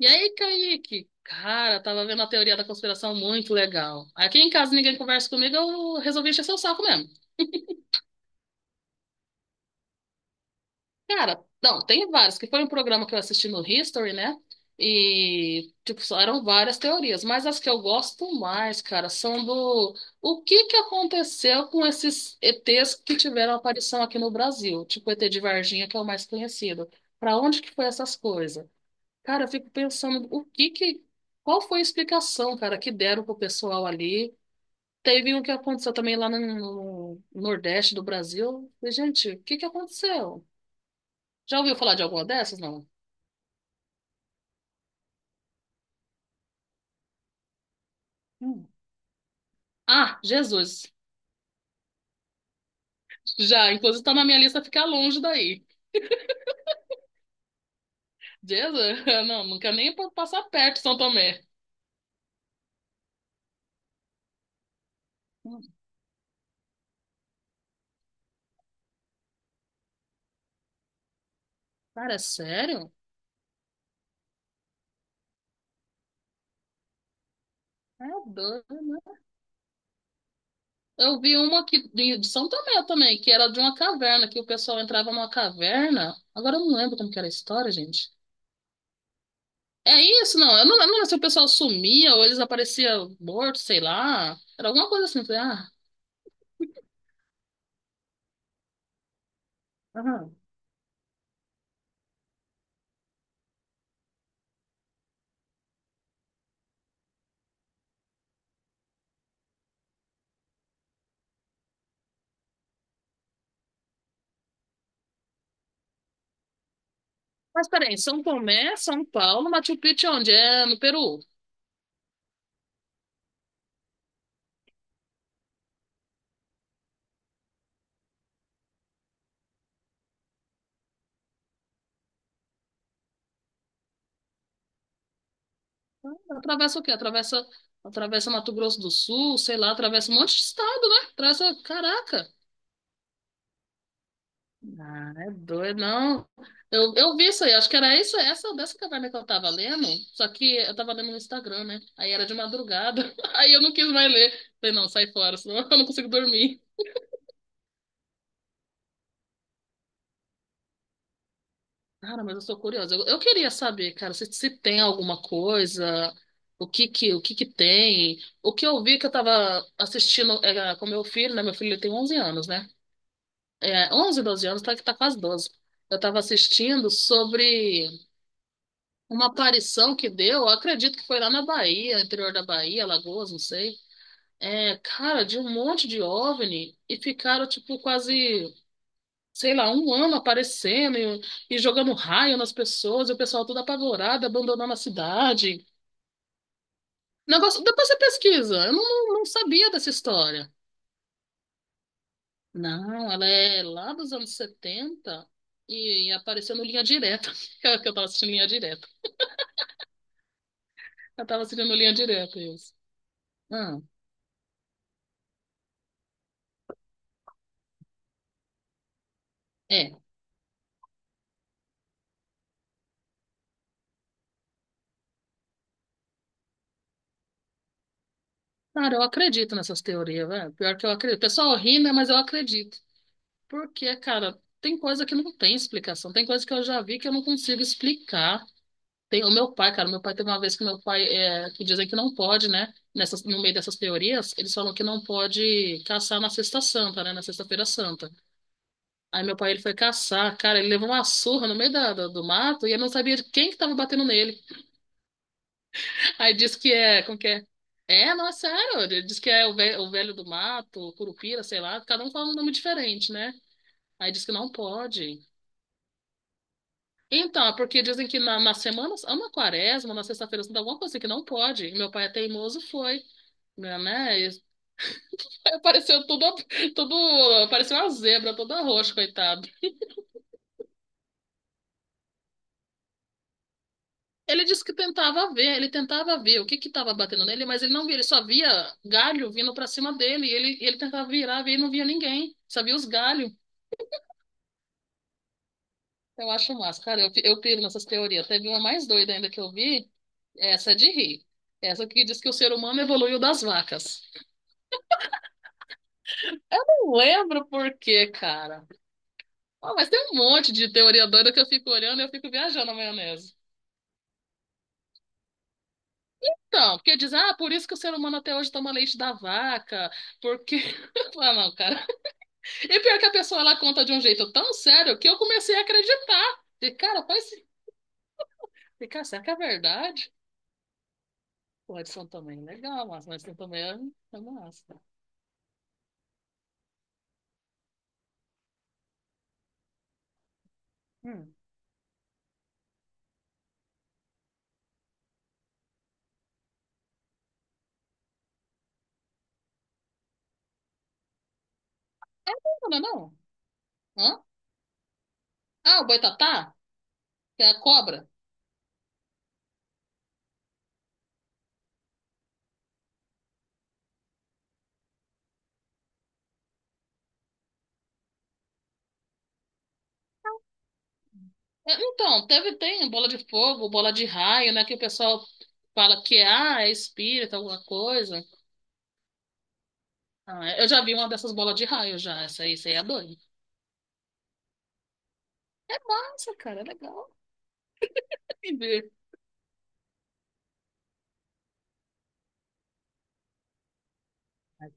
E aí, Kaique? Cara, tava vendo a teoria da conspiração muito legal. Aqui em casa ninguém conversa comigo, eu resolvi encher seu saco mesmo. Cara, não, tem vários, que foi um programa que eu assisti no History, né? E, tipo, só eram várias teorias, mas as que eu gosto mais, cara, são do o que que aconteceu com esses ETs que tiveram aparição aqui no Brasil, tipo o ET de Varginha, que é o mais conhecido. Pra onde que foi essas coisas? Cara, eu fico pensando o que que, qual foi a explicação, cara, que deram pro pessoal ali. Teve um que aconteceu também lá no Nordeste do Brasil. Falei: gente, o que que aconteceu? Já ouviu falar de alguma dessas, não? Hum. Ah, Jesus. Já, inclusive tá na minha lista ficar longe daí. Jesus, não, nunca nem passar perto de São Tomé. Hum. Cara, é sério? É doido. Eu vi uma aqui de São Tomé também, que era de uma caverna, que o pessoal entrava numa caverna. Agora eu não lembro como que era a história, gente. É isso, não. Eu não lembro se o pessoal sumia ou eles apareciam mortos, sei lá. Era alguma coisa assim. Eu falei: ah. Aham. Mas peraí, São Tomé, São Paulo, Machu Picchu, é onde? É no Peru. Atravessa o quê? Atravessa Mato Grosso do Sul, sei lá, atravessa um monte de estado, né? Atravessa, caraca. Ah, é doido, não. Eu vi isso aí, acho que era isso, essa dessa caverna que eu tava lendo, só que eu tava lendo no Instagram, né? Aí era de madrugada, aí eu não quis mais ler. Falei: não, sai fora, senão eu não consigo dormir. Cara, mas eu sou curiosa. Eu queria saber, cara, se tem alguma coisa, o que que tem. O que eu vi que eu tava assistindo é, com meu filho, né? Meu filho ele tem 11 anos, né? É, 11 12 anos, tá que tá quase 12. Eu tava assistindo sobre. Uma aparição que deu, eu acredito que foi lá na Bahia, interior da Bahia, Alagoas, não sei. É, cara, de um monte de OVNI e ficaram, tipo, quase, sei lá, um ano aparecendo e jogando raio nas pessoas, e o pessoal todo apavorado, abandonando a cidade. Negócio, depois você pesquisa, eu não, não sabia dessa história. Não, ela é lá dos anos 70 e apareceu no Linha Direta, que eu tava assistindo Linha Direta. Eu tava assistindo Linha Direta, isso. Ah, é. Cara, eu acredito nessas teorias, velho. Pior que eu acredito. O pessoal ri, né? Mas eu acredito. Porque, cara, tem coisa que não tem explicação. Tem coisa que eu já vi que eu não consigo explicar. Tem o meu pai, cara. Meu pai teve uma vez que meu pai, é, que dizem que não pode, né? Nessas, no meio dessas teorias, eles falam que não pode caçar na Sexta Santa, né? Na Sexta-feira Santa. Aí meu pai, ele foi caçar, cara. Ele levou uma surra no meio da, do mato e ele não sabia de quem que tava batendo nele. Aí diz que é, como que é? É, não, é sério. Diz que é o velho do mato, o curupira, sei lá. Cada um fala um nome diferente, né? Aí diz que não pode. Então, é porque dizem que nas semanas, ou na quaresma, na sexta-feira, santa, alguma coisa assim que não pode. E meu pai é teimoso, foi. Né? E apareceu tudo, tudo, apareceu uma zebra toda roxa, coitado. Ele disse que tentava ver, ele tentava ver o que que estava batendo nele, mas ele não via, ele só via galho vindo para cima dele. E ele tentava virar, ver e não via ninguém. Só via os galhos. Eu acho massa, cara. Eu piro nessas teorias. Teve uma mais doida ainda que eu vi. Essa é de rir. Essa que diz que o ser humano evoluiu das vacas. Não lembro por quê, cara. Ó, mas tem um monte de teoria doida que eu fico olhando e eu fico viajando na maionese. Então, porque diz: ah, por isso que o ser humano até hoje toma leite da vaca, porque... Ah, não, cara. E pior que a pessoa, ela conta de um jeito tão sério que eu comecei a acreditar. E, cara, faz... E, cara, será que é verdade? O Edson também é legal, mas o Edson também é massa. Hum. Não, não, é não. Hã? Ah, o boitatá? Que é a cobra? É, então, teve, tem bola de fogo, bola de raio, né? Que o pessoal fala que é, ah, é espírito, alguma coisa. Ah, eu já vi uma dessas bolas de raio já. Essa aí, isso aí é doido. É massa, cara, é legal. É de ver.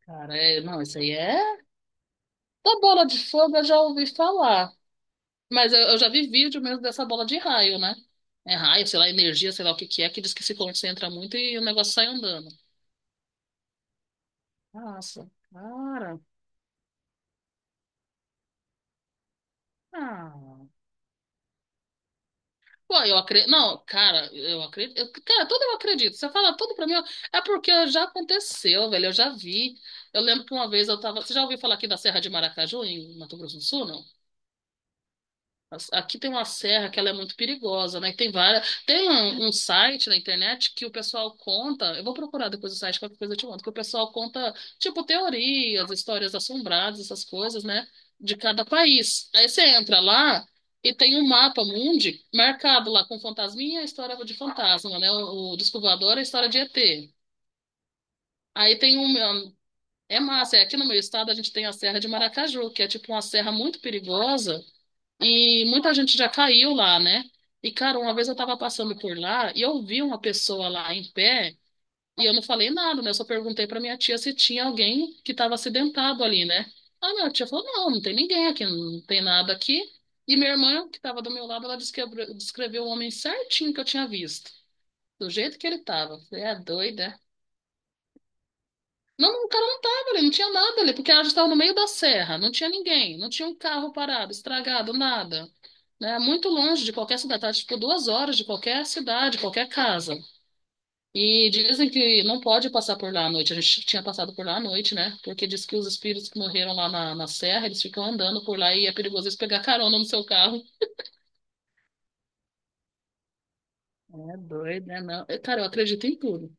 Cara, é, não, isso aí é. Da bola de fogo eu já ouvi falar. Mas eu, já vi vídeo mesmo dessa bola de raio, né? É raio, sei lá, energia, sei lá o que que é, que diz que se concentra muito e o negócio sai andando. Nossa, cara. Ah. Pô, eu acredito. Não, cara, eu acredito. Cara, tudo eu acredito. Você fala tudo pra mim. É porque já aconteceu, velho. Eu já vi. Eu lembro que uma vez eu tava. Você já ouviu falar aqui da Serra de Maracaju, em Mato Grosso do Sul, não? Aqui tem uma serra que ela é muito perigosa, né? Tem várias. Tem um, site na internet que o pessoal conta. Eu vou procurar depois o site, qualquer coisa eu te conto. Que o pessoal conta, tipo, teorias, histórias assombradas, essas coisas, né? De cada país. Aí você entra lá e tem um mapa mundi marcado lá com fantasminha, a história de fantasma, né? O disco voador, é a história de ET. Aí tem um. É massa, é aqui no meu estado a gente tem a Serra de Maracaju, que é tipo uma serra muito perigosa e muita gente já caiu lá, né? E, cara, uma vez eu tava passando por lá e eu vi uma pessoa lá em pé e eu não falei nada, né? Eu só perguntei pra minha tia se tinha alguém que tava acidentado ali, né? Aí minha tia falou: não, não tem ninguém aqui, não tem nada aqui. E minha irmã, que tava do meu lado, ela descreveu o homem certinho que eu tinha visto, do jeito que ele tava. Eu falei: é doida. Não, não, o cara não tava ali, não tinha nada ali, porque ela já estava no meio da serra, não tinha ninguém, não tinha um carro parado, estragado, nada, né, muito longe de qualquer cidade, tá, tipo 2 horas de qualquer cidade, qualquer casa. E dizem que não pode passar por lá à noite. A gente tinha passado por lá à noite, né? Porque diz que os espíritos que morreram lá na serra, eles ficam andando por lá e é perigoso eles pegar carona no seu carro. É doido, né? Não. Cara, eu acredito em tudo.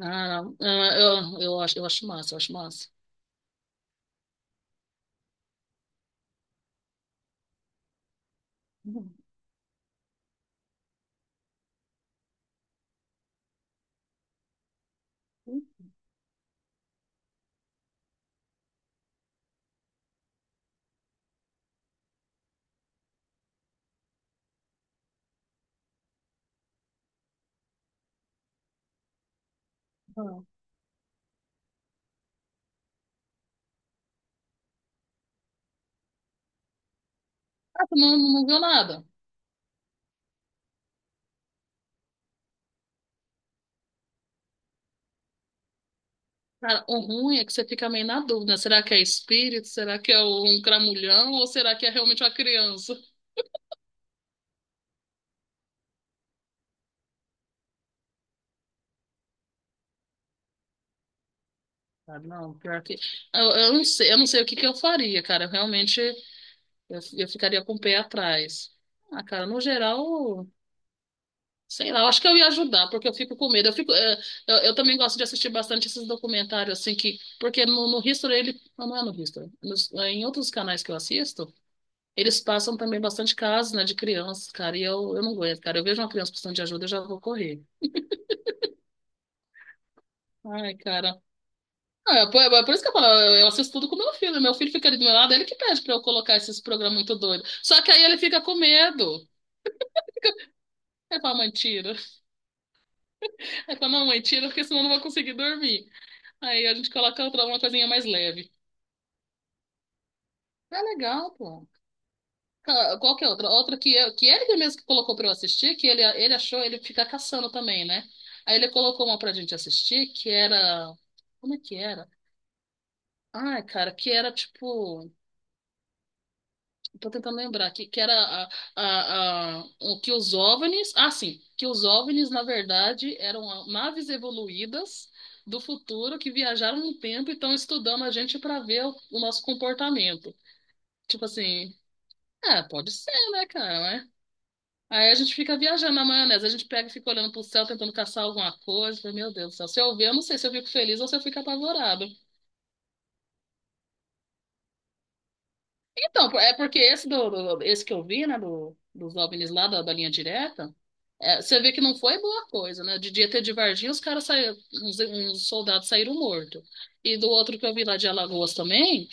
Ah, não. Ah, eu acho, eu acho massa, eu acho massa. Uhum. Ah, tu não, viu nada. Cara, o ruim é que você fica meio na dúvida. Será que é espírito? Será que é um cramulhão? Ou será que é realmente uma criança? Ah, não, pior que... Eu não sei, eu não sei o que que eu faria, cara. Eu ficaria com o pé atrás. Ah, cara, no geral, sei lá, eu acho que eu ia ajudar, porque eu fico com medo. Eu fico, eu também gosto de assistir bastante esses documentários, assim, que. Porque no History, ele. Não, não é no History. É em outros canais que eu assisto, eles passam também bastante casos, né, de crianças, cara. E eu não aguento, cara. Eu vejo uma criança precisando de ajuda, eu já vou correr. Ai, cara. É, é por isso que eu falo, eu assisto tudo com meu filho. Meu filho fica ali do meu lado, ele que pede pra eu colocar esses programas muito doidos. Só que aí ele fica com medo. Aí fala: mãe, tira. Aí fala: não, mãe, tira, porque senão eu não vou conseguir dormir. Aí a gente coloca outra, uma coisinha mais leve. É legal, pô. Qual que é outra? Outra que, eu, que ele mesmo que colocou pra eu assistir, que ele achou, ele fica caçando também, né? Aí ele colocou uma pra gente assistir, que era... Como é que era? Ai, cara, que era tipo... Tô tentando lembrar que era o que os OVNIs. Ah, sim, que os OVNIs, na verdade, eram naves evoluídas do futuro que viajaram no tempo e estão estudando a gente para ver o nosso comportamento. Tipo assim, é, pode ser, né, cara, né? Aí a gente fica viajando na maionese, a gente pega e fica olhando pro céu, tentando caçar alguma coisa. Fala: meu Deus do céu, se eu ver, eu não sei se eu fico feliz ou se eu fico apavorado. Então, é porque esse que eu vi, né, dos OVNIs lá da linha direta, é, você vê que não foi boa coisa, né? De dia ter de Varginha, os caras saíram, uns soldados saíram mortos. E do outro que eu vi lá de Alagoas também,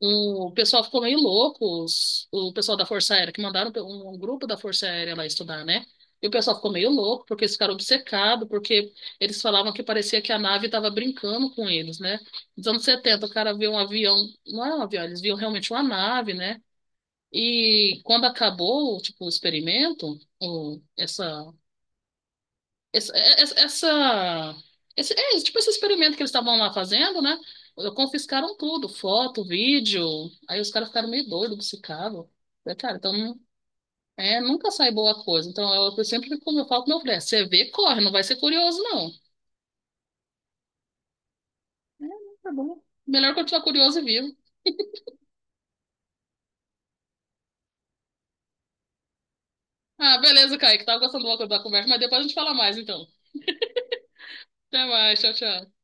o pessoal ficou meio louco, o pessoal da Força Aérea, que mandaram um, grupo da Força Aérea lá estudar, né? E o pessoal ficou meio louco, porque eles ficaram obcecados, porque eles falavam que parecia que a nave estava brincando com eles, né? Nos anos 70 o cara vê um avião, não é um avião, eles viam realmente uma nave, né? E quando acabou, tipo, o experimento, o, essa- esse, é, tipo, esse experimento que eles estavam lá fazendo, né? Confiscaram tudo, foto, vídeo. Aí os caras ficaram meio doidos, obcecados. Falei: cara, então, é, nunca sai boa coisa. Então, eu sempre, como eu falo com meu filho, é, você vê, corre, não vai ser curioso, não. É, tá bom. Melhor continuar curioso e vivo. Ah, beleza, Kaique, tava gostando da conversa, mas depois a gente fala mais, então. Até mais, tchau, tchau.